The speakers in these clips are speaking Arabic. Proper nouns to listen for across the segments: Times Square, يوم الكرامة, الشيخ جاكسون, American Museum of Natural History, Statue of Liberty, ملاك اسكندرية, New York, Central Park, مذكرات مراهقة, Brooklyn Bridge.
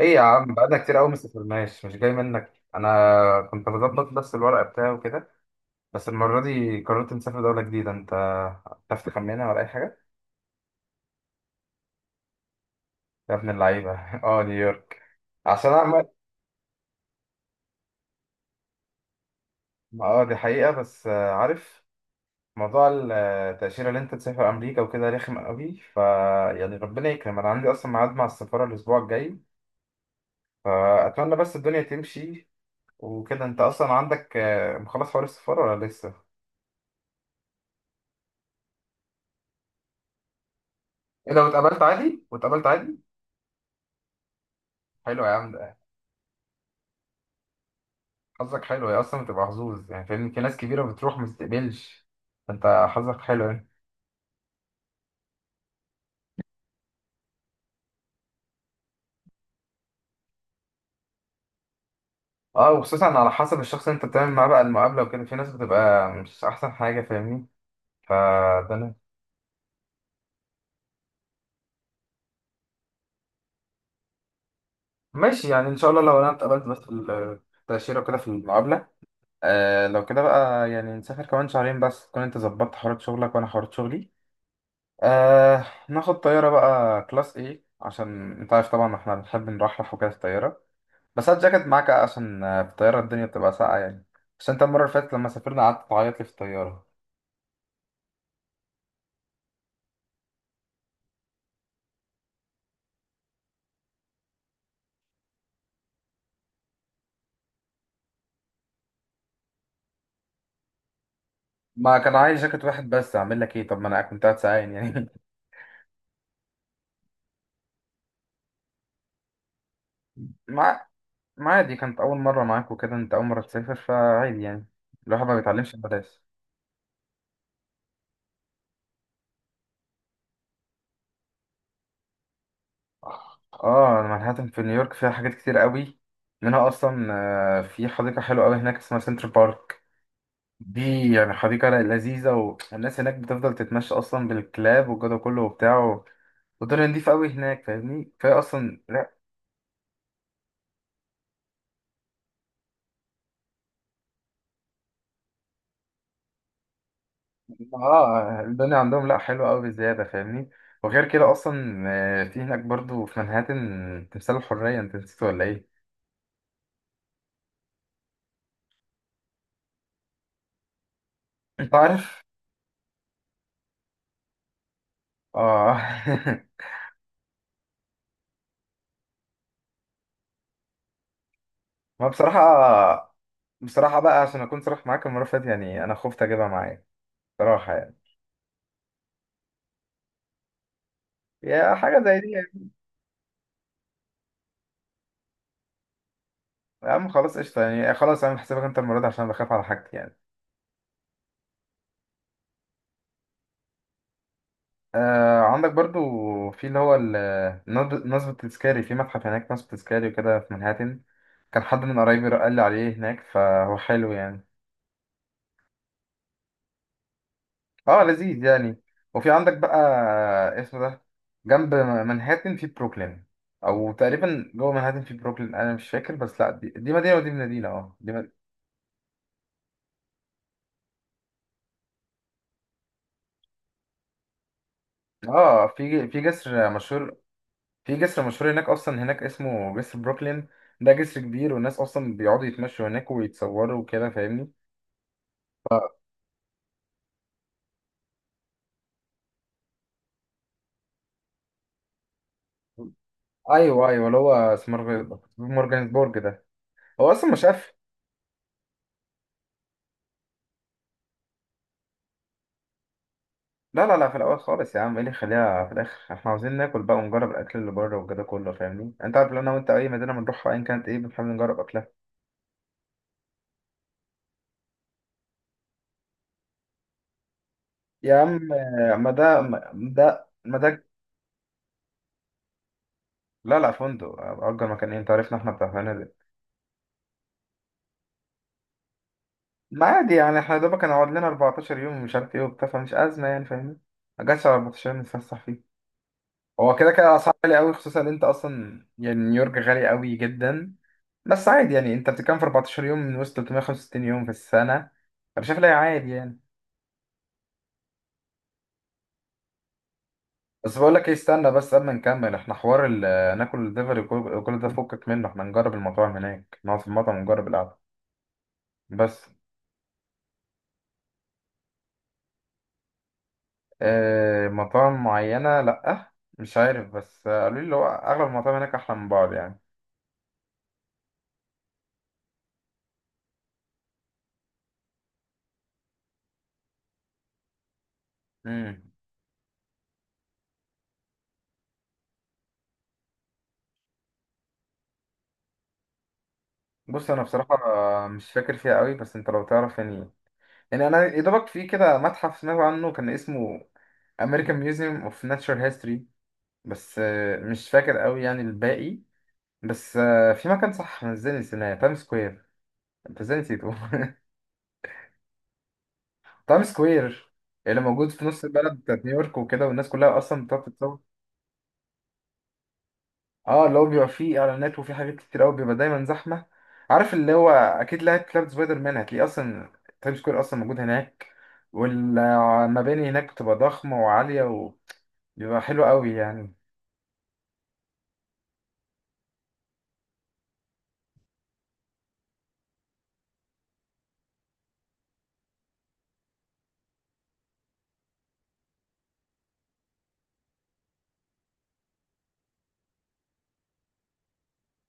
ايه يا عم، بقالنا كتير قوي ما سافرناش. مش جاي منك، انا كنت بظبط بس الورق بتاعي وكده. بس المره دي قررت نسافر دوله جديده. انت تعرف تخمنها ولا اي حاجه؟ يا ابن اللعيبه اه، نيويورك. عشان اعمل. اه دي حقيقه، بس عارف موضوع التأشيرة اللي انت تسافر امريكا وكده رخم قوي. يعني ربنا يكرم، انا عندي اصلا ميعاد مع السفاره الاسبوع الجاي. فاتمنى بس الدنيا تمشي وكده. انت اصلا عندك مخلص حوار السفاره ولا لسه؟ ايه، لو اتقابلت عادي واتقابلت عادي؟ حلو يا عم. حظك حلو، هي اصلا بتبقى حظوظ يعني، فاهم؟ في ناس كبيره بتروح ما بتستقبلش، فانت حظك حلو يعني. اه، وخصوصا على حسب الشخص اللي انت بتعمل معاه بقى المقابله وكده، في ناس بتبقى مش احسن حاجه، فاهمني؟ فده أنا- ماشي يعني، ان شاء الله لو انا اتقبلت بس في التاشيره وكده في المقابله. آه، لو كده بقى يعني نسافر كمان شهرين، بس تكون انت ظبطت حوارات شغلك وانا حوارات شغلي. آه، ناخد طياره بقى كلاس ايه؟ عشان انت عارف طبعا احنا بنحب نرحرح وكده في الطياره. بس هات جاكيت معاك عشان في الطيارة الدنيا بتبقى ساقعة يعني. بس انت المرة اللي فاتت لما سافرنا قعدت تعيط لي في الطيارة. ما كان عايز جاكيت واحد بس، اعمل لك ايه؟ طب ما انا كنت قاعد ساعين يعني. مع ما عادي، كانت أول مرة معاك وكده، انت أول مرة تسافر، فعادي يعني، الواحد ما بيتعلمش ببلاش. اه، أنا مانهاتن في نيويورك فيها حاجات كتير قوي. منها اصلا في حديقة حلوة قوي هناك اسمها سنتر بارك. دي يعني حديقة لذيذة، والناس هناك بتفضل تتمشى اصلا بالكلاب والجو ده كله وبتاع، والدنيا نضيفة أوي هناك، فاهمني؟ كفاية أصلا لا. آه، الدنيا عندهم لا، حلوة أوي بزيادة، فاهمني؟ وغير كده أصلا في هناك برضو في منهاتن تمثال الحرية. أنت نسيت ولا إيه؟ أنت عارف؟ آه ما بصراحة، بصراحة بقى عشان أكون صريح معاك، المرة اللي فاتت يعني أنا خفت أجيبها معايا، بصراحة يعني، يا حاجة زي دي يعني. يا عم خلاص، قشطة يعني، خلاص أعمل حسابك أنت المرة دي، عشان بخاف على حاجتي يعني. آه، عندك برضو في اللي هو ال- نض- نصب التذكاري، في متحف هناك نصب تذكاري وكده في منهاتن. كان حد من قرايبي قال لي عليه هناك، فهو حلو يعني. اه، لذيذ يعني. وفي عندك بقى، اسمه ده، جنب منهاتن في بروكلين، او تقريبا جوه منهاتن في بروكلين، انا مش فاكر. بس لا دي مدينه، ودي مدينه، اه دي مد... اه في جسر مشهور. في جسر مشهور هناك اصلا، هناك اسمه جسر بروكلين. ده جسر كبير، والناس اصلا بيقعدوا يتمشوا هناك ويتصوروا وكده، فاهمني؟ ايوه ايوه، اللي هو مورجانسبورج ده، هو اصلا مش قافل. لا، في الاول خالص يا عم. ايه اللي يخليها في الاخر؟ احنا عاوزين ناكل بقى ونجرب الاكل اللي بره والجو ده كله، فاهمني؟ انت عارف لو انا وانت اي مدينه بنروحها ايا كانت ايه، بنحاول نجرب اكلها. يا عم ما ده. لا لا، فندق، اجر مكان ايه، انت عارفنا احنا بتاع فنادق. ما عادي يعني، احنا يا دوبك هنقعد لنا 14 يوم ومش عارف ايه وبتاع، فمش ازمه يعني، فاهمني؟ ما جاتش على 14 يوم نتفسح فيه. هو كده كده اسعار غاليه قوي، خصوصا ان انت اصلا يعني نيويورك غالي قوي جدا. بس عادي يعني، انت بتتكلم في 14 يوم من وسط 365 يوم في السنة. انا شايف لا عادي يعني. بس بقول لك ايه، استنى بس قبل ما نكمل احنا حوار ناكل الدليفري كل ده، فكك منه، احنا نجرب المطاعم هناك، نقعد في المطعم ونجرب القعدة. بس اه، مطاعم معينة لأ، مش عارف، بس قالوا لي اللي هو أغلب المطاعم هناك أحلى من بعض يعني. امم، بص أنا بصراحة مش فاكر فيها قوي، بس أنت لو تعرف يعني. يعني أنا يا دوبك في كده متحف سمعت عنه كان اسمه American Museum of Natural History، بس مش فاكر قوي يعني الباقي. بس في مكان، صح، أنا ازاي نسيناه؟ تايم سكوير. انت ازاي نسيته؟ تايم سكوير، اللي موجود في نص البلد بتاعت نيويورك وكده، والناس كلها اصلا بتقعد تتصور. اه، اللي هو بيبقى فيه اعلانات وفيه حاجات كتير قوي، بيبقى دايما زحمه. عارف اللي هو اكيد لعبت لعبه سبايدر مان، هتلاقيه اصلا تايم سكوير اصلا موجود هناك. والمباني هناك بتبقى ضخمه وعاليه، وبيبقى حلو قوي يعني.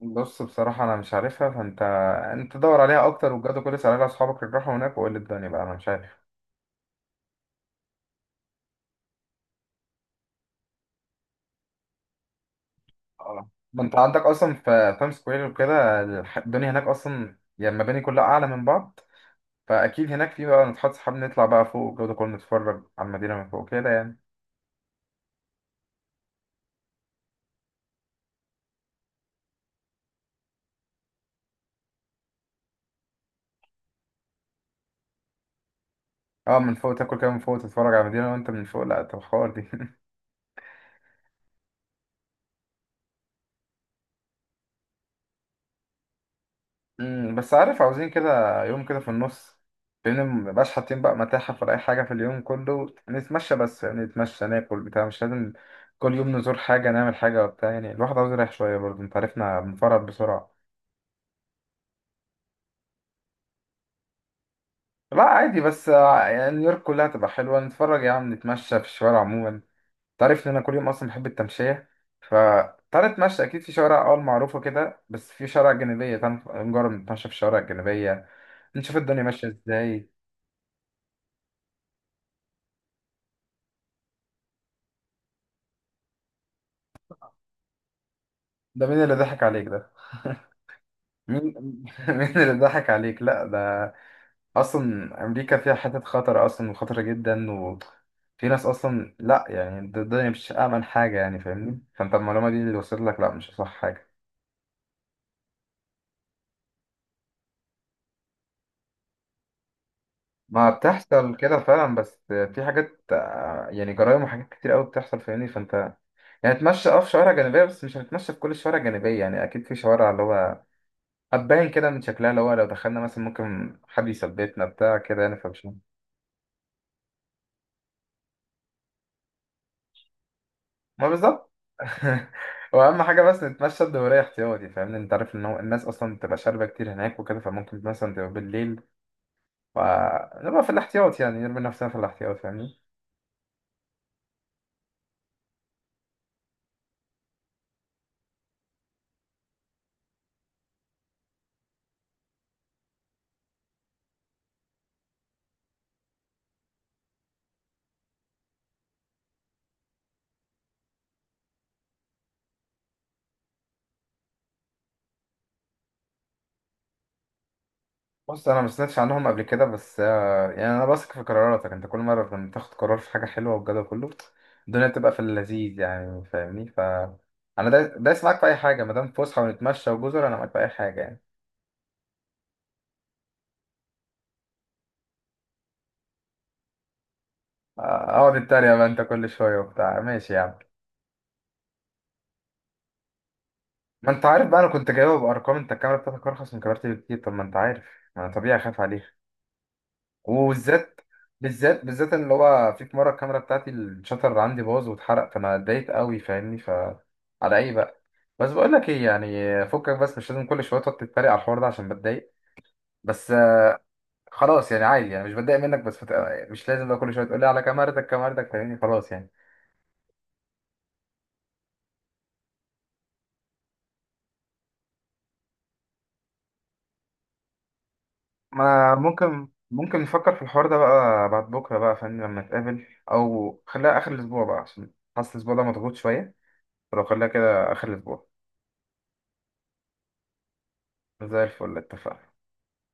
بص بصراحة أنا مش عارفها، فأنت، أنت دور عليها أكتر وبجد، كل سنة على أصحابك اللي راحوا هناك وقول لي الدنيا بقى، أنا مش عارف. اه، ما أنت عندك أصلا في تايم سكوير وكده الدنيا هناك أصلا يعني، المباني كلها أعلى من بعض، فأكيد هناك في بقى، نتحط صحاب نطلع بقى فوق والجو ده كله، نتفرج على المدينة من فوق كده يعني. أه، من فوق تاكل كده، من فوق تتفرج على المدينة، وأنت من فوق، لأ، طب حوار دي. مم، بس عارف، عاوزين كده يوم كده في النص، لان مبقاش حاطين بقى متاحف ولا اي حاجه، في اليوم كله نتمشى بس يعني، نتمشى ناكل بتاع، مش لازم كل يوم نزور حاجه نعمل حاجه وبتاع يعني، الواحد عاوز يريح شويه برضه، انت عارفنا بنفرط بسرعه. لا عادي، بس يعني نيويورك كلها تبقى حلوه، نتفرج يا عم، نتمشى في الشوارع عموما. انت عارف ان انا كل يوم اصلا بحب التمشيه، ف تعالى نتمشى، اكيد في شوارع اه معروفه كده، بس في شوارع جانبيه، تعالى نجرب نتمشى في الشوارع الجانبيه، نشوف الدنيا ماشيه ازاي. ده مين اللي ضحك عليك ده؟ مين مين اللي ضحك عليك؟ لا ده اصلا امريكا فيها حتت خطر اصلا، وخطرة جدا، وفي ناس اصلا لا يعني، ده الدنيا مش امن حاجة يعني، فاهمني؟ فانت المعلومة دي اللي وصلت لك لا مش صح حاجة. ما بتحصل كده فعلا، بس في حاجات يعني جرايم وحاجات كتير قوي بتحصل، فاهمني؟ فانت يعني اتمشى اه في شوارع جانبية، بس مش هنتمشى في كل الشوارع الجانبية يعني. أكيد في شوارع اللي هو هتبان كده من شكلها، اللي هو لو دخلنا مثلا ممكن حد يثبتنا بتاع كده يعني، فمش، ما بالظبط. واهم حاجه بس نتمشى الدوريه احتياطي، فاهمني؟ انت عارف ان هو الناس اصلا بتبقى شاربه كتير هناك وكده، فممكن مثلا تبقى بالليل، فنبقى في الاحتياط يعني، نرمي نفسنا في الاحتياط، فاهمني؟ بص انا ما سمعتش عنهم قبل كده، بس يعني انا بثق في قراراتك، انت كل مره لما تاخد قرار في حاجه حلوه، والجدع كله الدنيا بتبقى في اللذيذ يعني، فاهمني؟ انا دايس معاك في اي حاجه، ما دام فسحه ونتمشى وجزر، انا معاك في اي حاجه يعني. آه، اقعد اتريق بقى انت كل شويه وبتاع، ماشي يا عم. ما انت عارف بقى، انا كنت جايبها بارقام، انت الكاميرا بتاعتك ارخص من كاميرتي بكتير، طب ما انت عارف، ما انا طبيعي اخاف عليها. وبالذات بالذات اللي هو في في مره الكاميرا بتاعتي الشاتر عندي باظ واتحرق، فانا اتضايقت قوي، فاهمني؟ على ايه بقى؟ بس بقول لك ايه، يعني فكك بس، مش لازم كل شويه تقعد تتريق على الحوار ده، عشان بتضايق. بس خلاص يعني، عادي يعني، مش بتضايق منك بس مش لازم بقى كل شويه تقول لي على كاميرتك كاميرتك، فاهمني؟ خلاص يعني. ما أنا ممكن نفكر في الحوار ده بقى بعد بكرة بقى، فاهمني؟ لما نتقابل، أو خليها آخر الأسبوع بقى، عشان حاسس الأسبوع ده مضغوط شوية، فلو خليها كده آخر الأسبوع. زي الفل، اتفقنا.